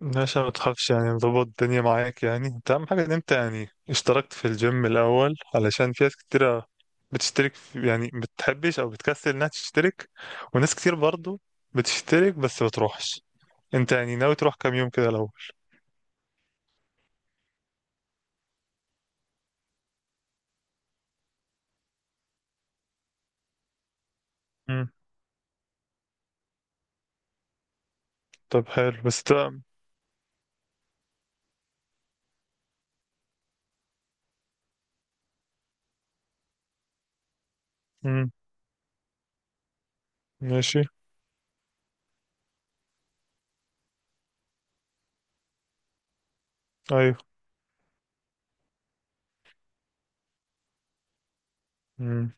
باشا، ما تخافش، يعني نظبط الدنيا معاك. يعني انت اهم حاجة ان انت يعني اشتركت في الجيم الاول، علشان في ناس كتيرة بتشترك يعني بتحبش او بتكسل انها تشترك، وناس كتير برضو بتشترك بس ما بتروحش. انت يعني ناوي تروح كام يوم كده الاول؟ امم. طب حلو، بس ده. امم. ماشي. ايوه. امم.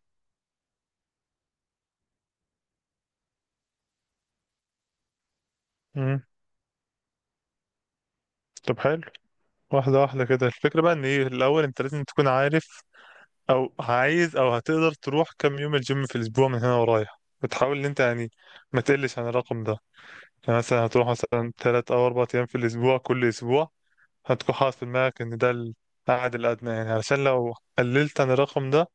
امم. طب حلو، واحدة واحدة كده. الفكرة بقى ان ايه الاول، انت لازم تكون عارف او عايز او هتقدر تروح كام يوم الجيم في الاسبوع من هنا ورايح، وتحاول ان انت يعني ما تقلش عن الرقم ده. يعني مثلا هتروح مثلا ثلاث او اربع ايام في الاسبوع، كل اسبوع هتكون حاطط في دماغك ان ده القعد الادنى، يعني علشان لو قللت عن الرقم ده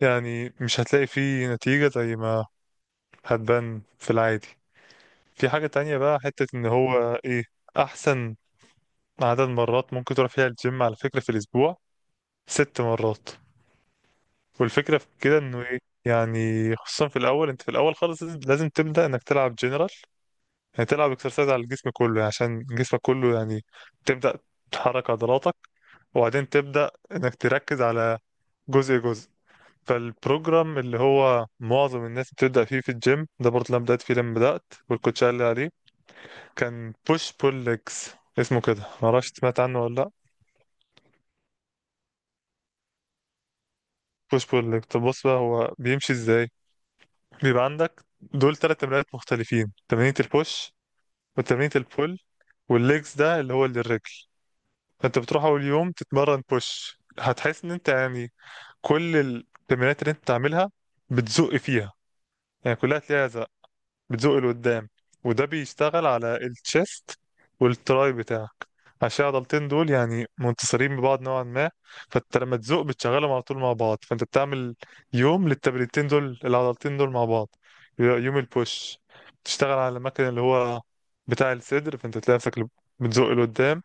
يعني مش هتلاقي فيه نتيجة زي ما هتبان في العادي. في حاجة تانية بقى، حتة ان هو ايه احسن عدد مرات ممكن تروح فيها الجيم على فكرة في الاسبوع؟ ست مرات. والفكرة في كده انه ايه، يعني خصوصا في الاول، انت في الاول خالص لازم تبدأ انك تلعب جنرال، يعني تلعب اكسرسايز على الجسم كله، يعني عشان جسمك كله يعني تبدأ تحرك عضلاتك، وبعدين تبدأ انك تركز على جزء جزء. فالبروجرام اللي هو معظم الناس بتبدأ فيه في الجيم، ده برضه اللي أنا بدأت فيه لما بدأت والكوتش قال لي عليه، كان بوش بول ليجز، اسمه كده، معرفش سمعت عنه ولا لأ؟ بوش بول ليجز، طب بص بقى هو بيمشي ازاي. بيبقى عندك دول ثلاث تمرينات مختلفين، تمرينة البوش وتمرينة البول والليجز، ده اللي هو للرجل. فانت بتروح اول يوم تتمرن بوش، هتحس ان انت يعني كل التمرينات اللي انت بتعملها بتزق فيها، يعني كلها تلاقيها زق، بتزق لقدام، وده بيشتغل على التشيست والتراي بتاعك، عشان العضلتين دول يعني منتصرين ببعض نوعا ما. فانت لما تزق بتشغلهم على طول مع بعض، فانت بتعمل يوم للتمرينتين دول، العضلتين دول مع بعض. يبقى يوم البوش تشتغل على المكان اللي هو بتاع الصدر، فانت تلاقي نفسك بتزق لقدام،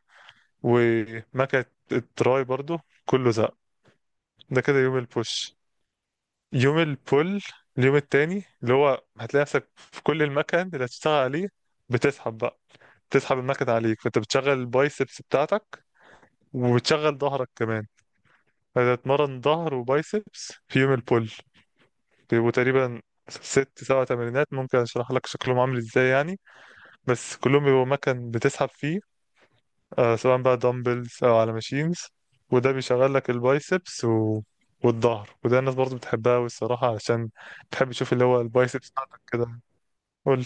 ومكنة التراي برضو كله زق. ده كده يوم البوش. يوم البول، اليوم التاني، اللي هو هتلاقي نفسك في كل المكن اللي هتشتغل عليه بتسحب بقى، بتسحب المكن عليك، فانت بتشغل البايسبس بتاعتك، وبتشغل ظهرك كمان. هتتمرن ظهر وبايسبس في يوم البول، بيبقوا تقريبا ست سبع تمرينات، ممكن اشرح لك شكلهم عامل ازاي يعني، بس كلهم بيبقوا مكن بتسحب فيه، آه سواء بقى دمبلز او على ماشينز. وده بيشغل لك البايسبس و... والظهر، وده الناس برضه بتحبها، والصراحة علشان تحب تشوف اللي هو البايسبس بتاعتك كده. قول لي.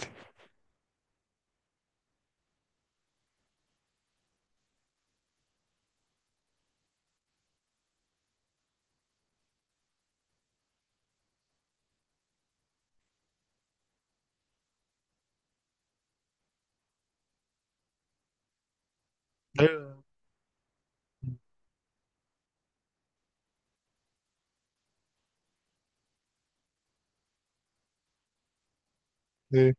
ايوه. ايه.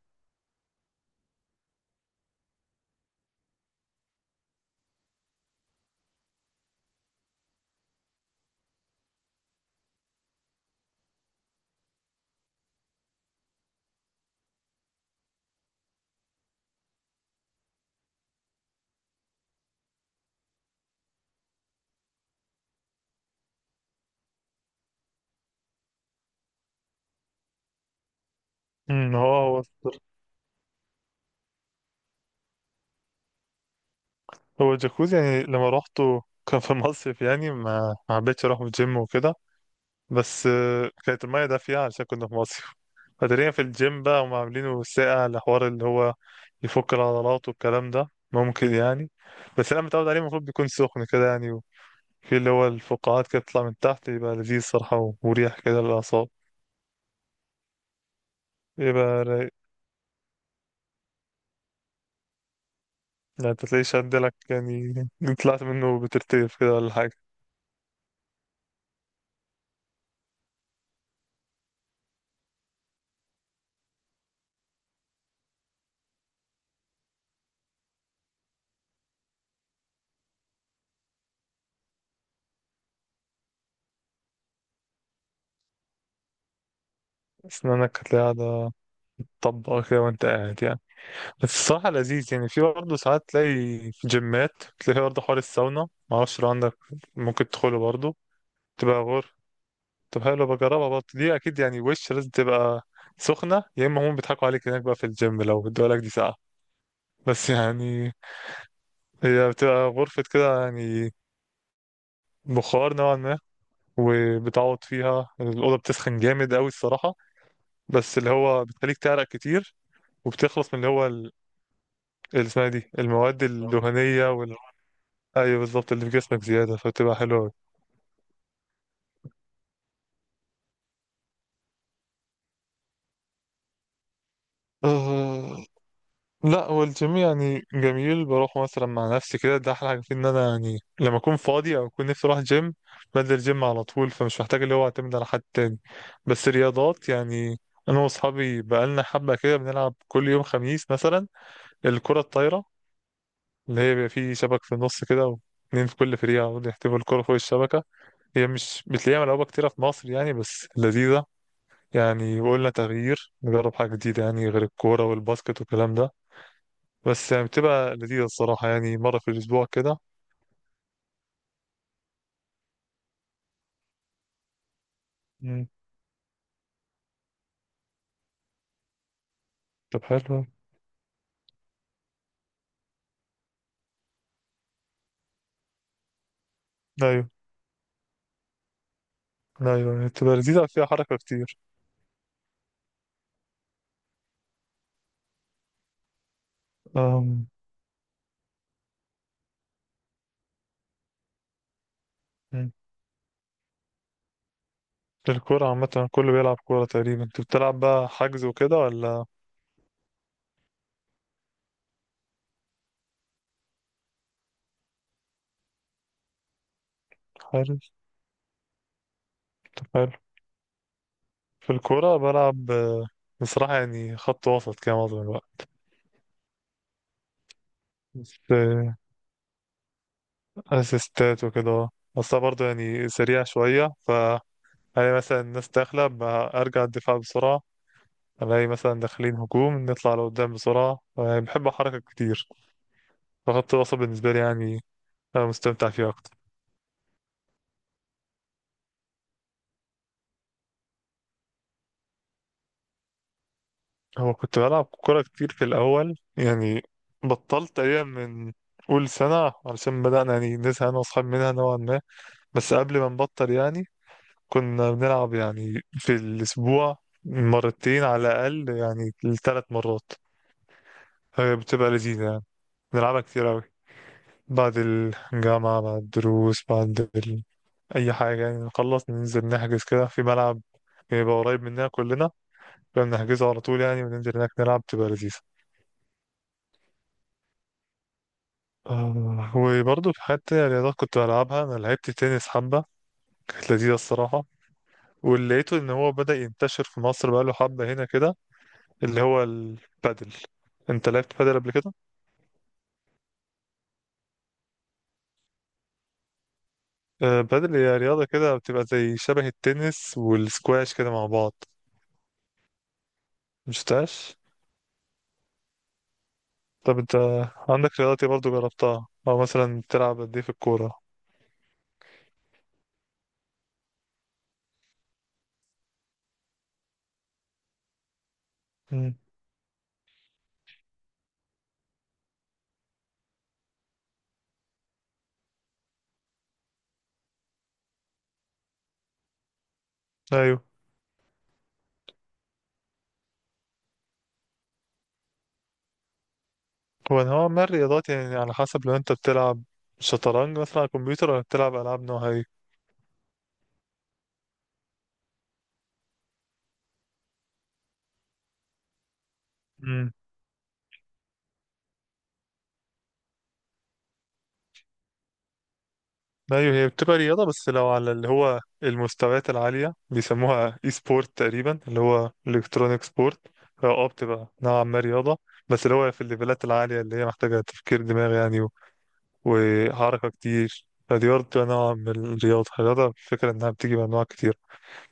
امم. هو الجاكوزي يعني لما روحته كان في مصيف، يعني ما حبيتش اروح الجيم وكده. بس كانت المية دافية علشان كنا في مصيف. فتقريبا في الجيم بقى هم عاملينه ساقع لحوار اللي هو يفك العضلات والكلام ده ممكن يعني، بس انا متعود عليه، المفروض بيكون سخن كده يعني، في اللي هو الفقاعات كده بتطلع من تحت، يبقى لذيذ صراحة ومريح كده للأعصاب، يبقى رايق. يعني انت تلاقيش عندلك يعني طلعت منه بترتجف كده ولا حاجة؟ أسنانك هتلاقيها قاعدة طبقه كده وانت قاعد يعني، بس الصراحه لذيذ. يعني في برضه ساعات تلاقي في جيمات، تلاقي برضه حوار الساونا، معرفش لو عندك، ممكن تدخله برضه، تبقى غور. طب حلو، بجربها برضه دي اكيد. يعني وش لازم تبقى سخنه، يا اما هم بيضحكوا عليك هناك بقى في الجيم لو ادوا لك دي ساعه، بس يعني هي بتبقى غرفه كده يعني بخار نوعا ما، وبتعوض فيها الأوضة بتسخن جامد أوي الصراحة، بس اللي هو بتخليك تعرق كتير، وبتخلص من اللي هو اللي اسمها إيه دي، المواد اه الدهنية. ايوه بالظبط، اللي في جسمك زياده، فبتبقى حلوه أوي. أه. لا هو الجيم يعني جميل، بروح مثلا مع نفسي كده، ده احلى حاجه فيه ان انا يعني لما اكون فاضي او اكون نفسي اروح جيم بنزل جيم على طول، فمش محتاج اللي هو اعتمد على حد تاني. بس رياضات يعني، انا واصحابي بقالنا حبه كده بنلعب كل يوم خميس مثلا الكره الطايره، اللي هي بيبقى فيه شبك في النص كده، واتنين في كل فريق يقعدوا يحتفوا الكره فوق الشبكه، هي مش بتلاقيها ملعوبه كتيره في مصر يعني، بس لذيذه يعني، وقلنا تغيير نجرب حاجة جديدة، يعني غير الكورة والباسكت والكلام ده، بس يعني بتبقى لذيذة الصراحة، يعني مرة في الأسبوع كده. مم. طب حلو. أيوه. أيوه، يعني بتبقى لذيذة فيها حركة كتير. أم. مم. الكورة عامة كله بيلعب كورة تقريبا، أنت بتلعب بقى حجز وكده ولا؟ حلو. طب حلو. في الكورة بلعب، بصراحة يعني خط وسط كده معظم الوقت. بس أسيستات وكده. أصلا برضه يعني سريع شوية، الاقي مثلا الناس داخلة ارجع الدفاع بسرعة، الاقي مثلا داخلين هجوم نطلع لقدام بسرعة، يعني بحب أحرك كتير، فخط الوسط بالنسبة لي يعني أنا مستمتع فيه أكتر. هو كنت بلعب كورة كتير في الأول يعني، بطلت تقريبا من أول سنة، علشان بدأنا يعني نزهق أنا وأصحابي منها نوعا ما. بس قبل ما نبطل يعني كنا بنلعب يعني في الأسبوع مرتين على الأقل، يعني لثلاث مرات، هي بتبقى لذيذة يعني، بنلعبها كتير أوي، بعد الجامعة بعد الدروس بعد أي حاجة يعني، نخلص ننزل نحجز كده في ملعب بيبقى قريب مننا كلنا، كنا بنحجزه على طول يعني وننزل هناك نلعب، تبقى لذيذة. وبرضه في حتة رياضات كنت بلعبها، أنا لعبت تنس حبة، كانت لذيذة الصراحة. واللي لقيته إن هو بدأ ينتشر في مصر بقاله حبة هنا كده، اللي هو البادل. أنت لعبت بادل قبل كده؟ بادل هي رياضة كده بتبقى زي شبه التنس والسكواش كده مع بعض، مشفتهاش؟ طب انت عندك رياضات ايه برضه جربتها، او مثلا بتلعب قد ايه في الكورة؟ امم. ايوه. هو ما الرياضات يعني على حسب، لو انت بتلعب شطرنج مثلا على الكمبيوتر، ولا بتلعب العاب نوعها ايه؟ امم. ايوه، هي بتبقى رياضة، بس لو على اللي هو المستويات العالية بيسموها اي سبورت تقريبا، اللي هو الكترونيك سبورت، اه بتبقى نوعا ما رياضة، بس اللي هو في الليفلات العالية اللي هي محتاجة تفكير دماغ يعني و- وحركة كتير، فدي برضه بتبقى نوع من الرياضة. الرياضة الفكرة إنها بتيجي بأنواع كتير.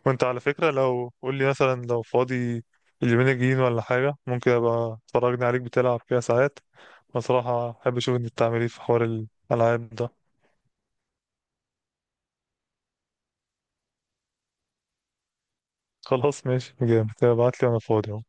وانت على فكرة لو قول لي مثلا، لو فاضي اليومين الجايين ولا حاجة، ممكن ابقى اتفرجني عليك بتلعب كده ساعات، بصراحة احب اشوف انت بتعمل ايه في حوار الالعاب ده. خلاص ماشي، جامد، ابعت لي وانا فاضي.